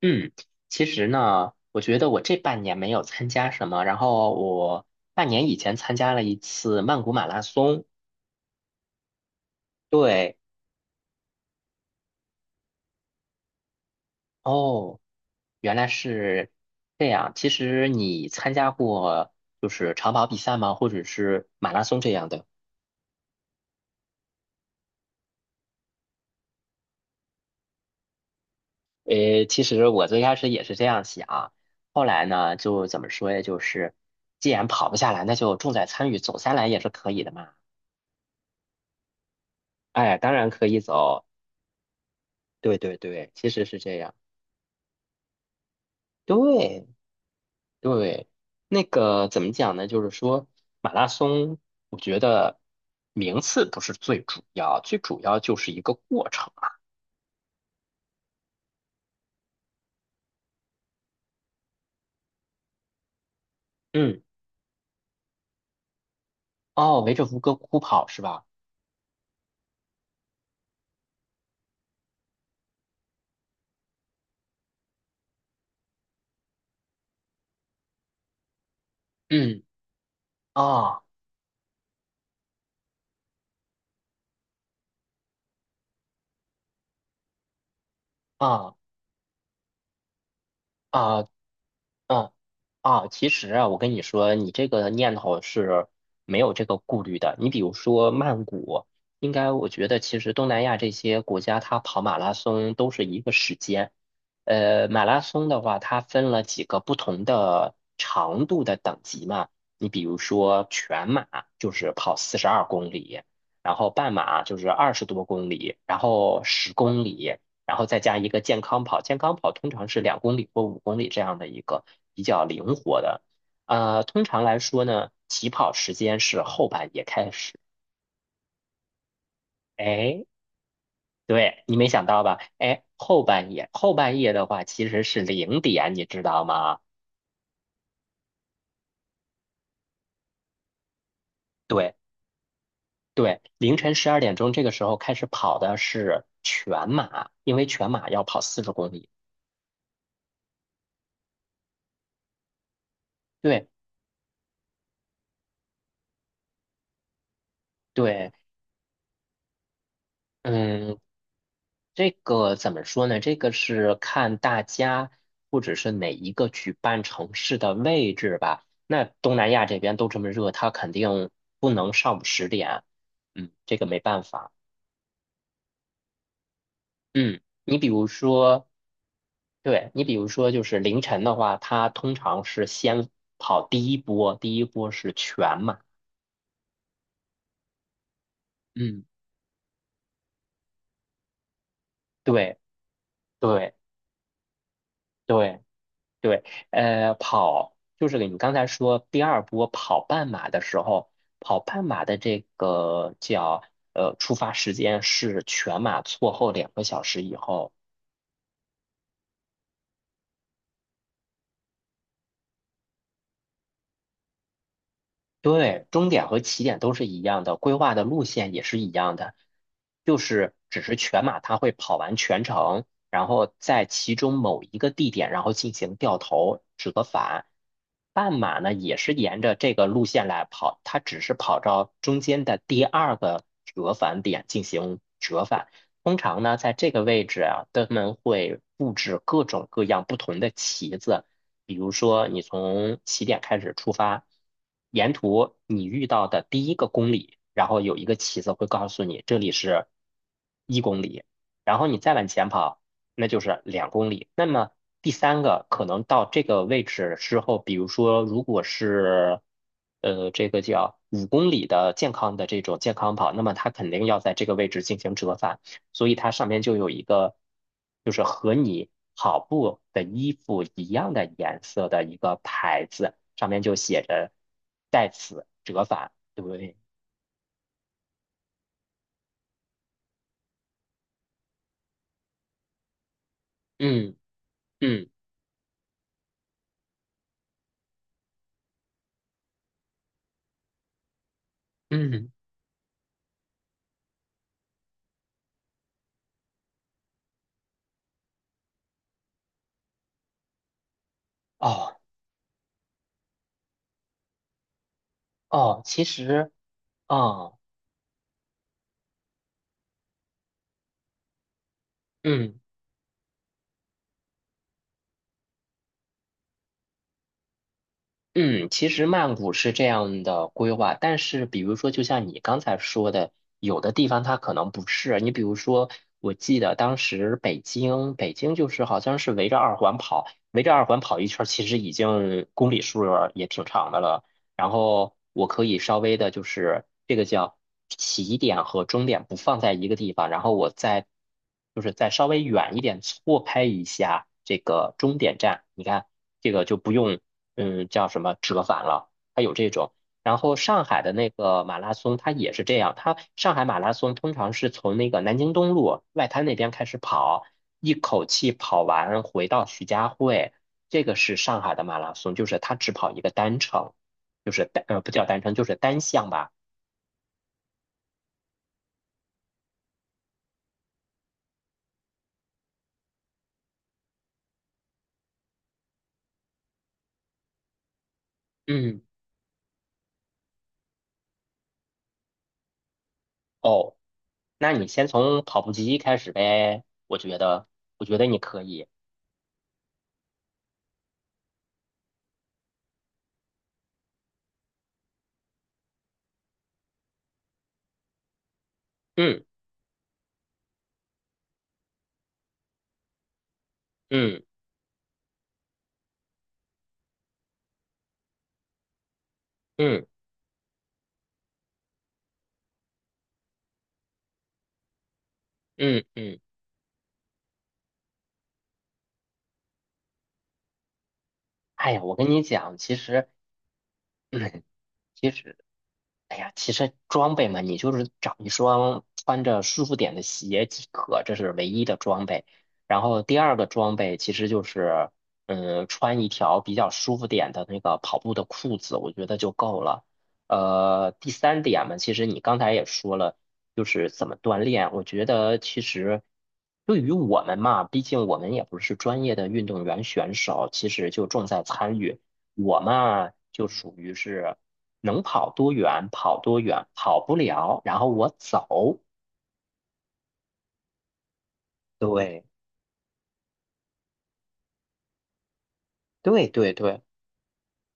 嗯，其实呢，我觉得我这半年没有参加什么，然后我半年以前参加了一次曼谷马拉松。对。哦，原来是这样。其实你参加过就是长跑比赛吗？或者是马拉松这样的？诶，其实我最开始也是这样想，后来呢，就怎么说呀？就是既然跑不下来，那就重在参与，走下来也是可以的嘛。哎，当然可以走。对对对，其实是这样。对，对，那个怎么讲呢？就是说，马拉松，我觉得名次不是最主要，最主要就是一个过程啊。嗯，哦，围着吴哥窟跑是吧？嗯，啊啊啊啊，嗯其实啊，我跟你说，你这个念头是没有这个顾虑的。你比如说曼谷，应该我觉得其实东南亚这些国家，它跑马拉松都是一个时间。马拉松的话，它分了几个不同的长度的等级嘛。你比如说全马就是跑42公里，然后半马就是20多公里，然后十公里。然后再加一个健康跑，健康跑通常是两公里或五公里这样的一个比较灵活的。通常来说呢，起跑时间是后半夜开始。哎，对，你没想到吧？哎，后半夜，后半夜的话其实是零点，你知道吗？对对，凌晨12点钟这个时候开始跑的是全马，因为全马要跑40公里。对对。嗯，这个怎么说呢？这个是看大家或者是哪一个举办城市的位置吧。那东南亚这边都这么热，它肯定不能上午10点。这个没办法。嗯，你比如说，对，你比如说就是凌晨的话，它通常是先跑第一波，第一波是全马。嗯，对对对对。跑就是你刚才说第二波跑半马的时候，跑半马的这个叫出发时间是全马错后2个小时以后。对，终点和起点都是一样的，规划的路线也是一样的，就是只是全马它会跑完全程，然后在其中某一个地点，然后进行掉头折返。半马呢也是沿着这个路线来跑，它只是跑到中间的第二个折返点进行折返。通常呢，在这个位置啊，他们会布置各种各样不同的旗子，比如说你从起点开始出发，沿途你遇到的第一个公里，然后有一个旗子会告诉你这里是1公里，然后你再往前跑，那就是两公里。那么第三个可能到这个位置之后，比如说如果是这个叫五公里的健康的这种健康跑，那么它肯定要在这个位置进行折返。所以它上面就有一个，就是和你跑步的衣服一样的颜色的一个牌子，上面就写着在此折返，对不对？嗯嗯嗯，哦哦。其实，哦，嗯嗯，其实曼谷是这样的规划，但是比如说，就像你刚才说的，有的地方它可能不是。你比如说，我记得当时北京，就是好像是围着二环跑，围着二环跑一圈儿，其实已经公里数儿也挺长的了。然后我可以稍微的，就是这个叫起点和终点不放在一个地方，然后我就是再稍微远一点错开一下这个终点站，你看。这个就不用叫什么折返了，它有这种。然后上海的那个马拉松，它也是这样。它上海马拉松通常是从那个南京东路外滩那边开始跑，一口气跑完回到徐家汇。这个是上海的马拉松，就是它只跑一个单程，就是不叫单程，就是单项吧。嗯，哦，那你先从跑步机开始呗，我觉得，我觉得你可以。嗯嗯嗯嗯嗯，哎呀，我跟你讲，其实。其实，哎呀，其实装备嘛，你就是找一双穿着舒服点的鞋即可，这是唯一的装备。然后第二个装备其实就是，穿一条比较舒服点的那个跑步的裤子，我觉得就够了。第三点嘛，其实你刚才也说了，就是怎么锻炼。我觉得其实对于我们嘛，毕竟我们也不是专业的运动员选手，其实就重在参与。我嘛，就属于是。能跑多远跑多远，跑不了，然后我走。对，对，对，对，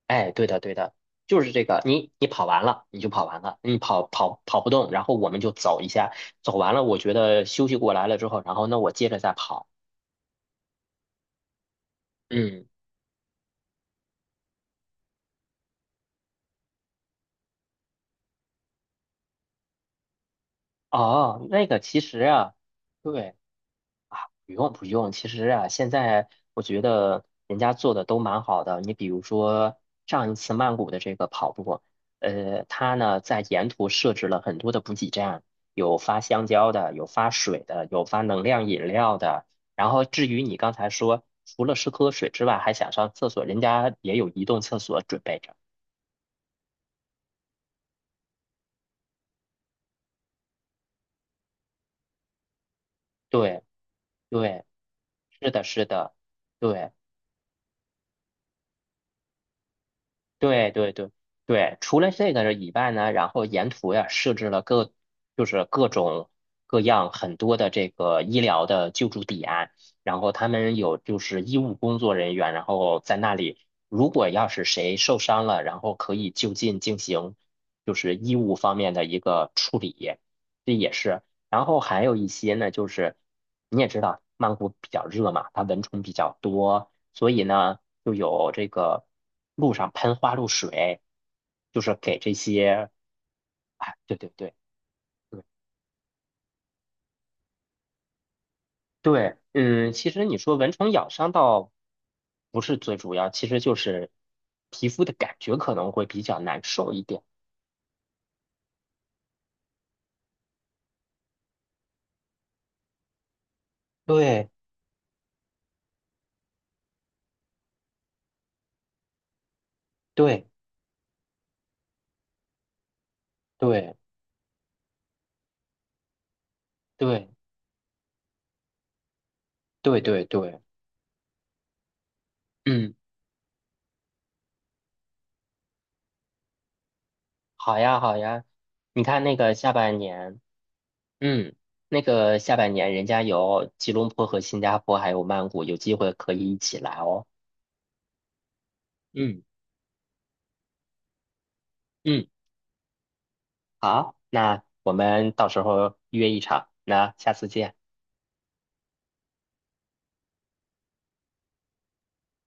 哎，对的，对的，就是这个。你跑完了，你就跑完了，你跑不动，然后我们就走一下，走完了，我觉得休息过来了之后，然后那我接着再跑。嗯，哦，那个其实啊，对。不用不用，其实啊，现在我觉得人家做的都蛮好的。你比如说上一次曼谷的这个跑步，它呢在沿途设置了很多的补给站，有发香蕉的，有发水的，有发能量饮料的。然后至于你刚才说，除了是喝水之外，还想上厕所，人家也有移动厕所准备着。对对，是的，是的，对。对对对对，除了这个以外呢，然后沿途呀设置了就是各种各样很多的这个医疗的救助点，然后他们有就是医务工作人员，然后在那里，如果要是谁受伤了，然后可以就近进行就是医务方面的一个处理，这也是。然后还有一些呢，就是你也知道曼谷比较热嘛，它蚊虫比较多。所以呢，就有这个路上喷花露水，就是给这些，哎，对对对对对。嗯，其实你说蚊虫咬伤倒不是最主要，其实就是皮肤的感觉可能会比较难受一点。对对对对对对对。嗯，好呀好呀，你看那个下半年，嗯，那个下半年人家有吉隆坡和新加坡还有曼谷，有机会可以一起来哦。嗯嗯。好，那我们到时候约一场，那下次见。